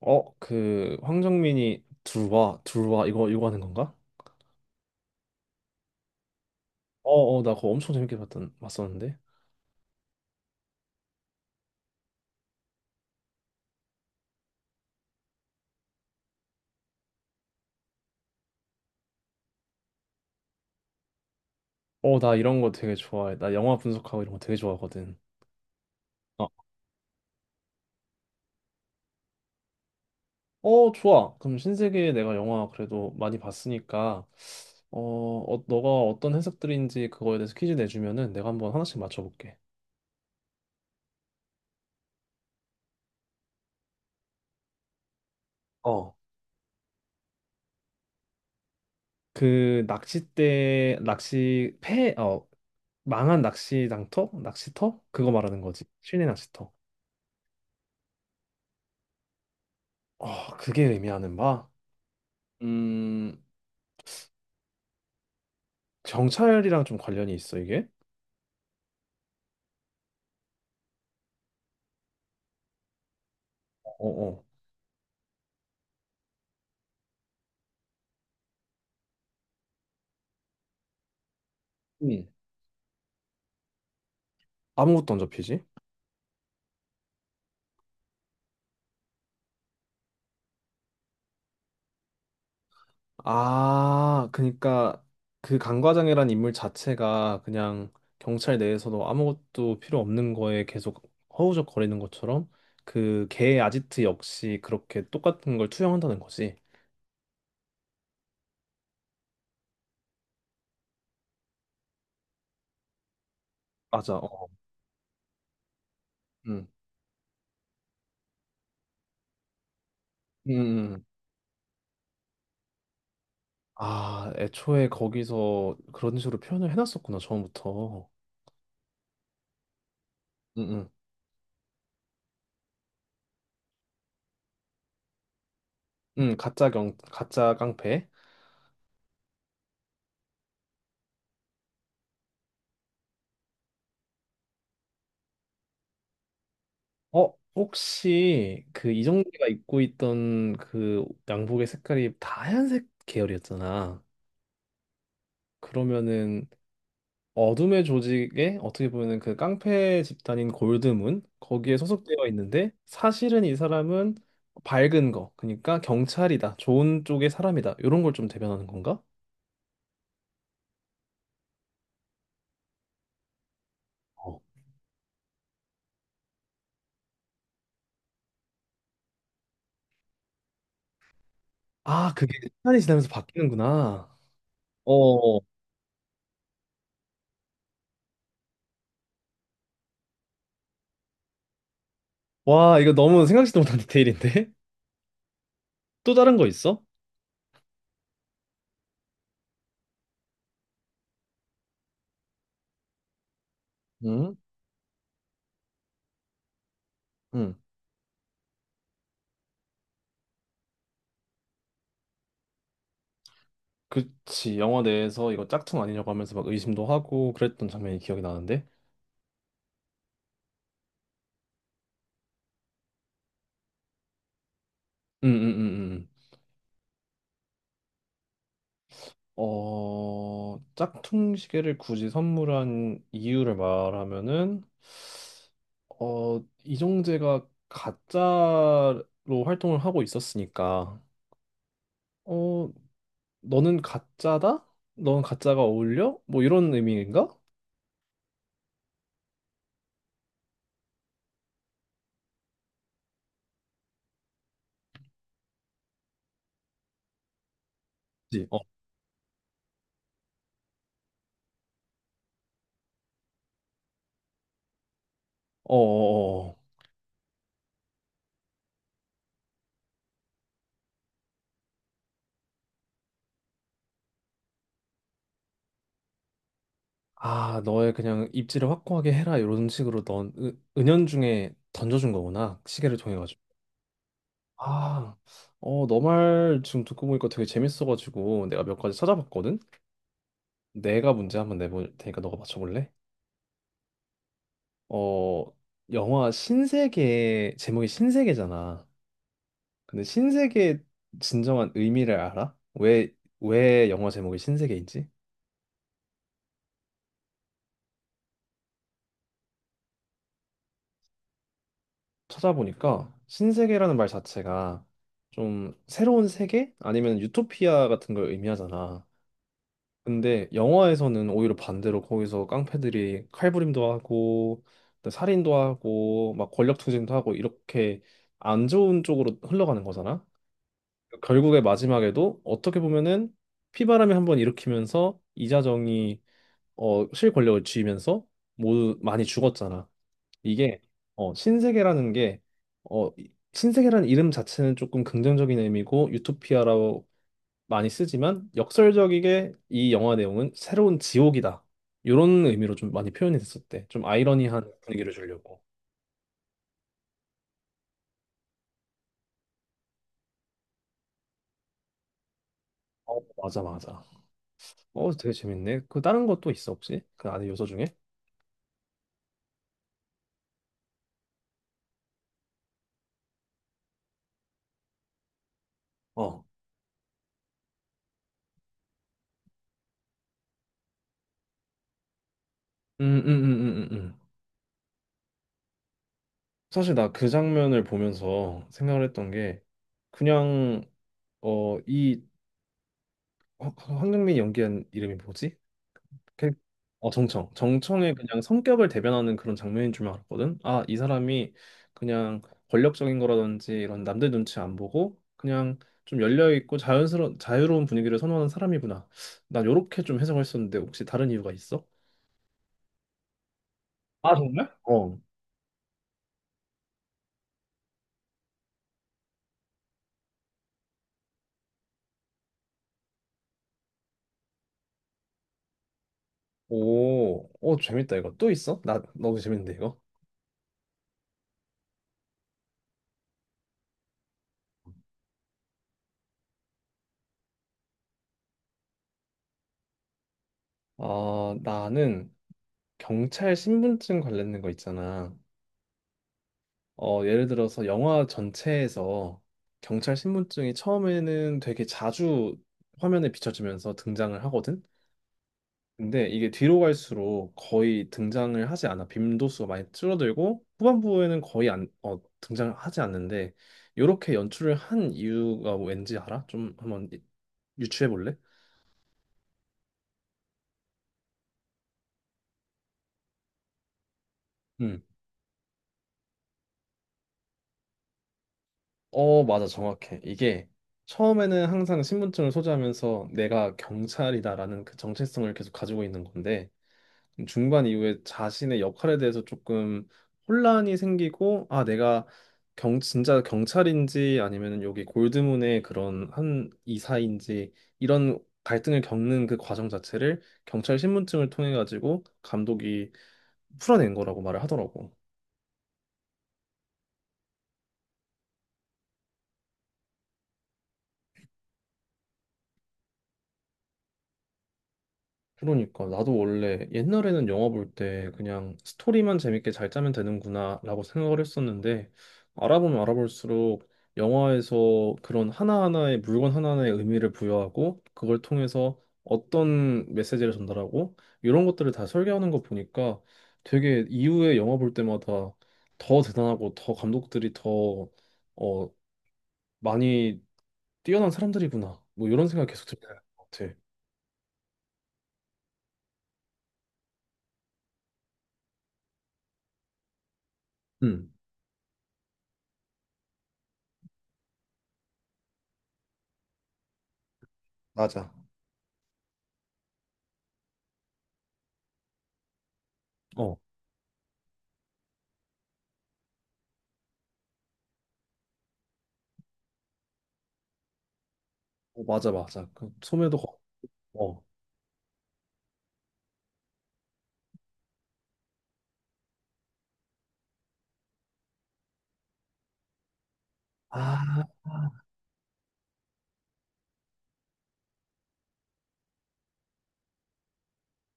어, 그 황정민이 둘와 둘와 이거 이거 하는 건가? 어, 어, 나 그거 엄청 재밌게 봤던 봤었는데. 어, 나 이런 거 되게 좋아해. 나 영화 분석하고 이런 거 되게 좋아하거든. 어, 어, 좋아. 그럼 신세계 내가 영화 그래도 많이 봤으니까 어, 어 너가 어떤 해석들인지 그거에 대해서 퀴즈 내주면은 내가 한번 하나씩 맞춰볼게. 어. 그 낚싯대 낚시 폐 어 망한 낚시터 그거 말하는 거지. 실내 낚시터. 어, 그게 의미하는 바? 음. 경찰이랑 좀 관련이 있어, 이게? 어, 어. 응. 아무것도 안 잡히지. 아, 그러니까 그 강과장이란 인물 자체가 그냥 경찰 내에서도 아무것도 필요 없는 거에 계속 허우적거리는 것처럼 그 개의 아지트 역시 그렇게 똑같은 걸 투영한다는 거지. 맞아. 어. 음. 음. 음. 아, 애초에 거기서 그런 식으로 표현을 해놨었구나, 처음부터. 음. 음. 가짜 깡패. 어, 혹시 그 이정재가 입고 있던 그 양복의 색깔이 다 하얀색 계열이었잖아. 그러면은 어둠의 조직에 어떻게 보면은 그 깡패 집단인 골드문 거기에 소속되어 있는데 사실은 이 사람은 밝은 거, 그러니까 경찰이다, 좋은 쪽의 사람이다 이런 걸 좀 대변하는 건가? 어. 아, 그게 시간이 지나면서 바뀌는구나. 어, 와, 이거 너무 생각지도 못한 디테일인데? 또 다른 거 있어? 응? 응. 그치, 영화 내에서 이거 짝퉁 아니냐고 하면서 막 의심도 하고 그랬던 장면이 기억이 나는데. 음음음음. 어, 짝퉁 시계를 굳이 선물한 이유를 말하면은 어 이정재가 가짜로 활동을 하고 있었으니까 어 너는 가짜다? 넌 가짜가 어울려? 뭐 이런 의미인가? 그치? 어, 어, 어, 아, 너의 그냥 입지를 확고하게 해라 이런 식으로 넌 은연중에 던져준 거구나, 시계를 통해 가지고. 아, 어, 너 말 지금 듣고 보니까 되게 재밌어가지고 내가 몇 가지 찾아봤거든. 내가 문제 한번 내볼 테니까 너가 맞춰볼래? 어, 영화 신세계 제목이 신세계잖아. 근데 신세계의 진정한 의미를 알아? 왜 영화 제목이 신세계인지? 찾아보니까 신세계라는 말 자체가 좀 새로운 세계? 아니면 유토피아 같은 걸 의미하잖아. 근데 영화에서는 오히려 반대로 거기서 깡패들이 칼부림도 하고 또 살인도 하고 막 권력투쟁도 하고 이렇게 안 좋은 쪽으로 흘러가는 거잖아. 결국에 마지막에도 어떻게 보면은 피바람이 한번 일으키면서 이자정이, 어, 실권력을 쥐면서 모두 많이 죽었잖아. 이게 어, 신세계라는 게 어, 신세계라는 이름 자체는 조금 긍정적인 의미고 유토피아라고 많이 쓰지만, 역설적이게 이 영화 내용은 새로운 지옥이다. 이런 의미로 좀 많이 표현이 됐었대. 좀 아이러니한 분위기를 주려고. 어, 맞아, 맞아. 어, 되게 재밌네. 그 다른 것도 있어, 혹시? 그 안에 요소 중에? 어. 음. 사실 나 그 장면을 보면서 생각을 했던 게 그냥 어, 이 황정민이 연기한 이름이 뭐지? 그- 정청. 정청의 그냥 성격을 대변하는 그런 장면인 줄만 알았거든. 아, 이 사람이 그냥 권력적인 거라든지 이런 남들 눈치 안 보고 그냥 좀 열려 있고 자연스러운 자유로운 분위기를 선호하는 사람이구나. 난 요렇게 좀 해석했었는데 혹시 다른 이유가 있어? 아, 정말? 어. 오, 오, 재밌다 이거. 또 있어? 나 너무 재밌는데 이거. 아, 나는 경찰 신분증 관련된 거 있잖아. 어, 예를 들어서 영화 전체에서 경찰 신분증이 처음에는 되게 자주 화면에 비춰지면서 등장을 하거든. 근데 이게 뒤로 갈수록 거의 등장을 하지 않아. 빈도수가 많이 줄어들고 후반부에는 거의 안, 어, 등장을 하지 않는데, 이렇게 연출을 한 이유가 왠지 알아? 좀 한번 유추해 볼래? 응. 어, 맞아. 정확해. 이게 처음에는 항상 신분증을 소지하면서 내가 경찰이다라는 그 정체성을 계속 가지고 있는 건데, 중반 이후에 자신의 역할에 대해서 조금 혼란이 생기고 아 내가 경 진짜 경찰인지 아니면 여기 골드문의 그런 한 이사인지 이런 갈등을 겪는 그 과정 자체를 경찰 신분증을 통해 가지고 감독이 풀어낸 거라고 말을 하더라고. 그러니까 나도 원래 옛날에는 영화 볼 때 그냥 스토리만 재밌게 잘 짜면 되는구나라고 생각을 했었는데, 알아보면 알아볼수록 영화에서 그런 하나하나의 물건 하나하나의 의미를 부여하고 그걸 통해서 어떤 메시지를 전달하고 이런 것들을 다 설계하는 거 보니까, 되게 이후에 영화 볼 때마다 더 대단하고 더 감독들이 더 어, 많이 뛰어난 사람들이구나 뭐 이런 생각 계속 들것 같아. 음. 맞아. 어, 맞아 맞아 그 소매도 걷고. 아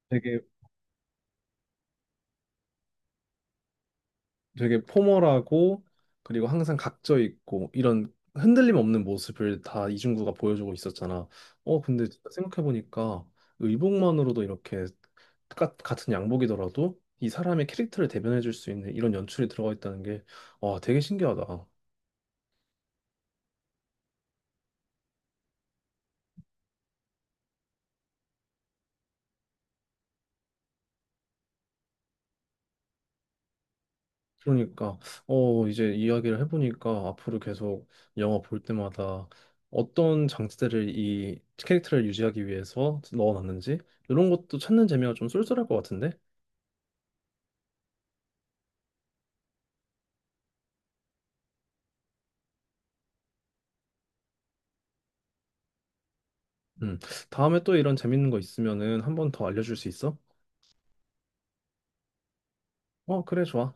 되게 되게 포멀하고 그리고 항상 각져 있고 뭐 이런 흔들림 없는 모습을 다 이중구가 보여주고 있었잖아. 어 근데 진짜 생각해보니까 의복만으로도 이렇게 같은 양복이더라도 이 사람의 캐릭터를 대변해줄 수 있는 이런 연출이 들어가 있다는 게 와 되게 신기하다. 그러니까 어 이제 이야기를 해보니까 앞으로 계속 영화 볼 때마다 어떤 장치들을 이 캐릭터를 유지하기 위해서 넣어놨는지 이런 것도 찾는 재미가 좀 쏠쏠할 것 같은데. 음. 다음에 또 이런 재밌는 거 있으면은 한 번 더 알려줄 수 있어? 어, 그래, 좋아.